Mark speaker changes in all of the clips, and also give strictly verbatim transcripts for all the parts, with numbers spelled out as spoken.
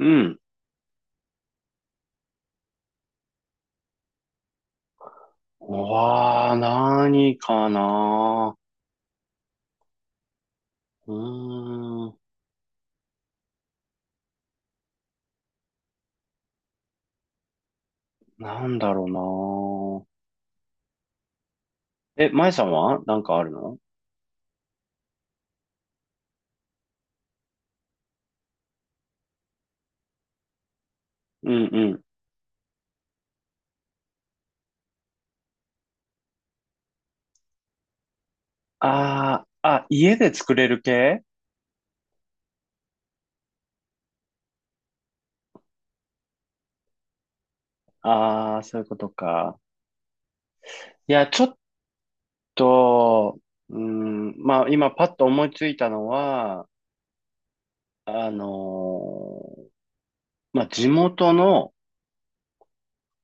Speaker 1: うん。わあ、何かな。うーん。なんだろうな。え、舞さんはなんかあるの？うんうん。ああ、あ、家で作れる系？ああー、そういうことか。いや、ちょっと、うーん、まあ今パッと思いついたのは、あのーまあ地元の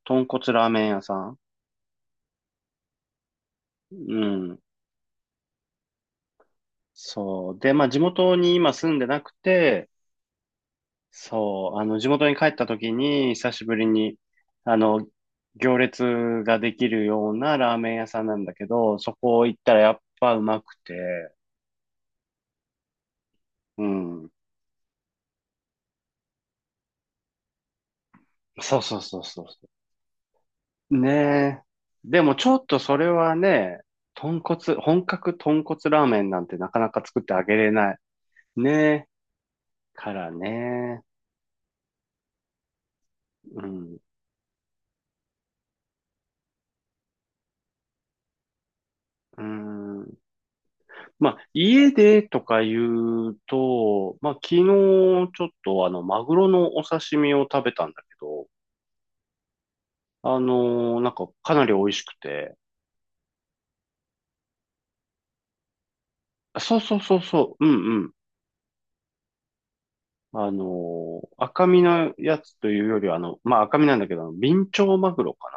Speaker 1: 豚骨ラーメン屋さん。うん。そう。で、まあ地元に今住んでなくて、そう、あの、地元に帰った時に、久しぶりに、あの、行列ができるようなラーメン屋さんなんだけど、そこ行ったらやっぱうまくて、うん。そうそうそうそうそう。ねえ。でもちょっとそれはね、豚骨、本格豚骨ラーメンなんてなかなか作ってあげれない。ねえ。からね。うん。うん。まあ、家でとか言うと、まあ、昨日ちょっとあの、マグロのお刺身を食べたんだけど、あのーなんかかなり美味しくて、あ、そうそうそうそう、うんうん。あのー赤身のやつというよりは、あの、まあ、赤身なんだけど、あのビンチョウマグロか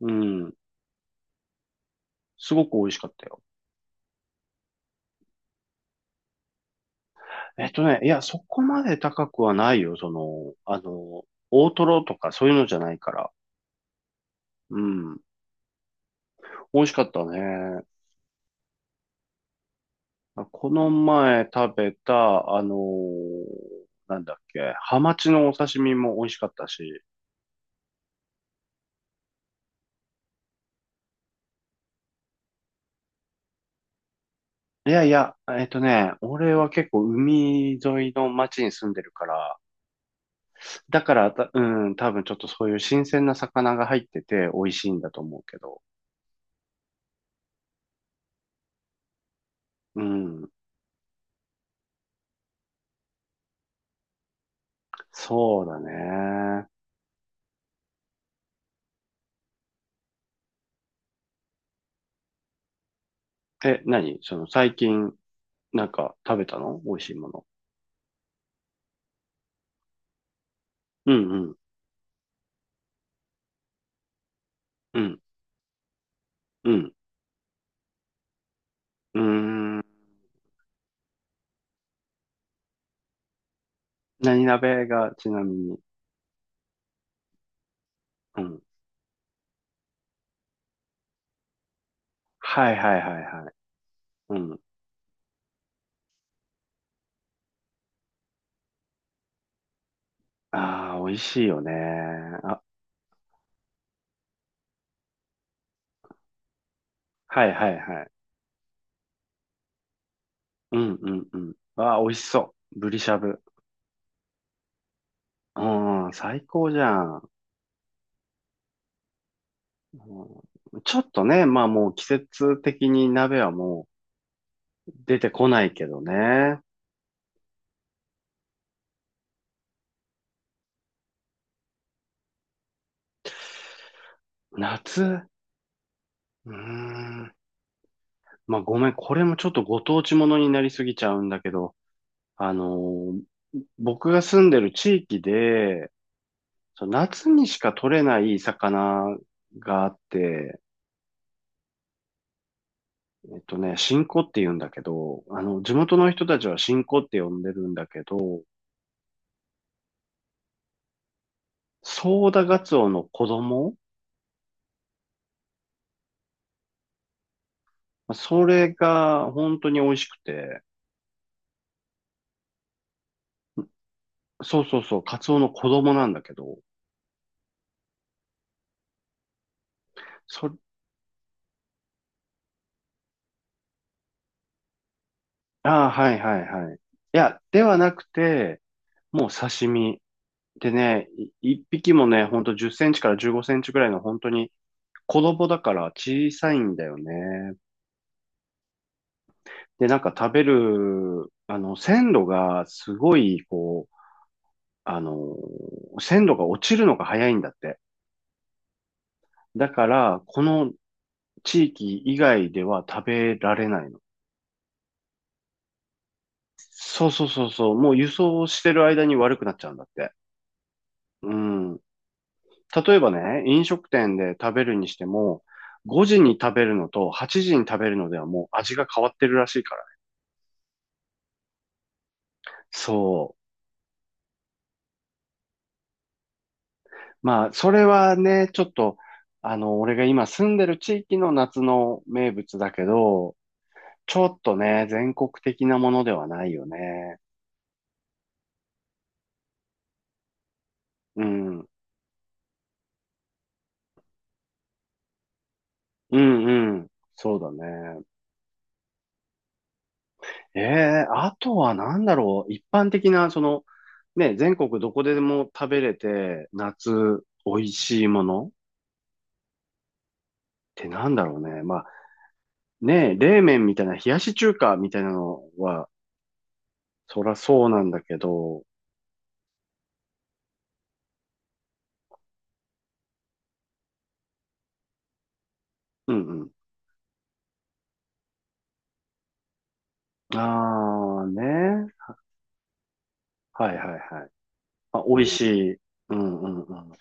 Speaker 1: な。うん。すごく美味しかったよ。えっとね、いや、そこまで高くはないよ、その、あのー大トロとかそういうのじゃないから。うん。美味しかったね。まあこの前食べた、あのーなんだっけ、ハマチのお刺身も美味しかったし、いやいや、えっとね、俺は結構海沿いの町に住んでるから、だからた、うん、多分ちょっとそういう新鮮な魚が入ってて美味しいんだと思うけど、うん、そうだね。え、何その最近、なんか食べたの美味しいもの。うんうん、うん、うん、うーん。何鍋がちなみに？うん。はいはいはいはい。うん。ああ、美味しいよね。あ、はいはいはい。うんうんうん。ああ、美味しそう。ブリしゃぶ。うん、最高じゃん。うん、ちょっとね、まあもう季節的に鍋はもう出てこないけどね。夏、うーん。まあごめん、これもちょっとご当地ものになりすぎちゃうんだけど、あのー僕が住んでる地域で、その夏にしか取れない魚があって、えっとね、新子って言うんだけど、あの、地元の人たちは新子って呼んでるんだけど、ソーダガツオの子供。それが本当に美味しくて、そうそうそう、カツオの子供なんだけど、そ、ああ、はいはいはい。いや、ではなくて、もう刺身。でね、い一匹もね、ほんとじゅっセンチからじゅうごセンチぐらいの本当に子供だから小さいんだよね。で、なんか食べる、あの、鮮度がすごい、こう、あの、鮮度が落ちるのが早いんだって。だから、この地域以外では食べられないの。そうそうそうそう。もう輸送してる間に悪くなっちゃうんだって。うん。例えばね、飲食店で食べるにしても、ごじに食べるのとはちじに食べるのではもう味が変わってるらしいからね。そう。まあ、それはね、ちょっと、あの、俺が今住んでる地域の夏の名物だけど、ちょっとね、全国的なものではないよね。うん。うんうん。そうだね。ええ、あとは何だろう。一般的な、その、ね、全国どこでも食べれて、夏、美味しいものってなんだろうね。まあ、ね、冷麺みたいな、冷やし中華みたいなのは、そらそうなんだけど、うんうん。ああ、ね。はいはいはい。まあ、美味しい。うんうんうん。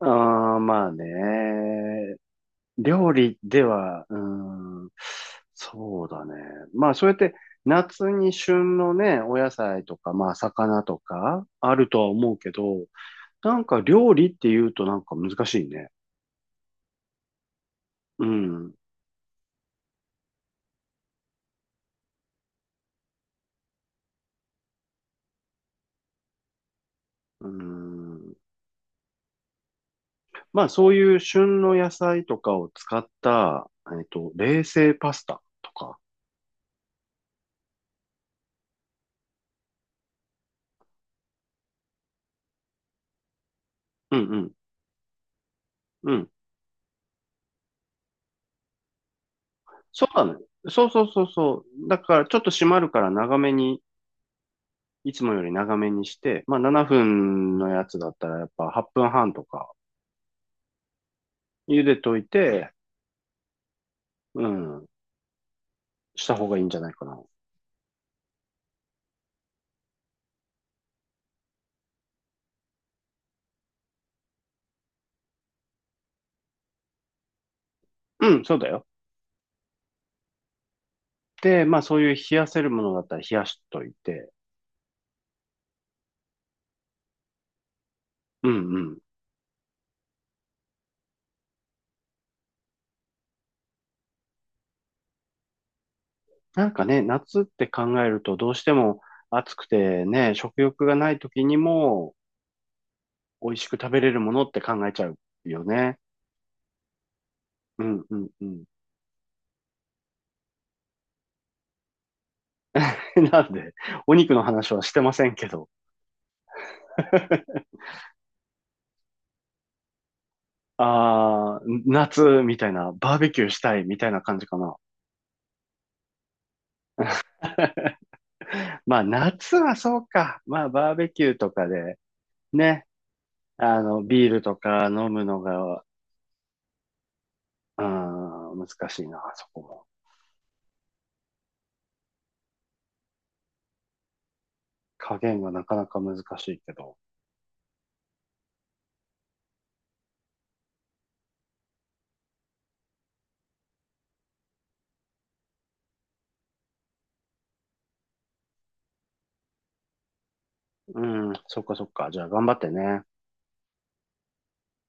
Speaker 1: ああ、まあね。料理では、うーん、そうだね。まあ、そうやって夏に旬のね、お野菜とか、まあ、魚とか、あるとは思うけど、なんか料理って言うとなんか難しいね。うん。うん。まあ、そういう旬の野菜とかを使った、えっと、冷製パスタとか。うんうん。うん。そうだね。そうそうそうそう。だから、ちょっと締まるから長めに、いつもより長めにして、まあななふんのやつだったらやっぱはっぷんはんとか茹でといて、うん、した方がいいんじゃないかな。うん、そうだよ。で、まあそういう冷やせるものだったら冷やしといて、うんうん。なんかね、夏って考えるとどうしても暑くてね、食欲がない時にも美味しく食べれるものって考えちゃうよね。うんうんうん。なんで、お肉の話はしてませんけど。ああ、夏みたいな、バーベキューしたいみたいな感じかな。まあ夏はそうか。まあバーベキューとかでね、あのビールとか飲むのが、うん、難しいな、そこも。加減がなかなか難しいけど。うん、そっかそっか。じゃあ頑張ってね。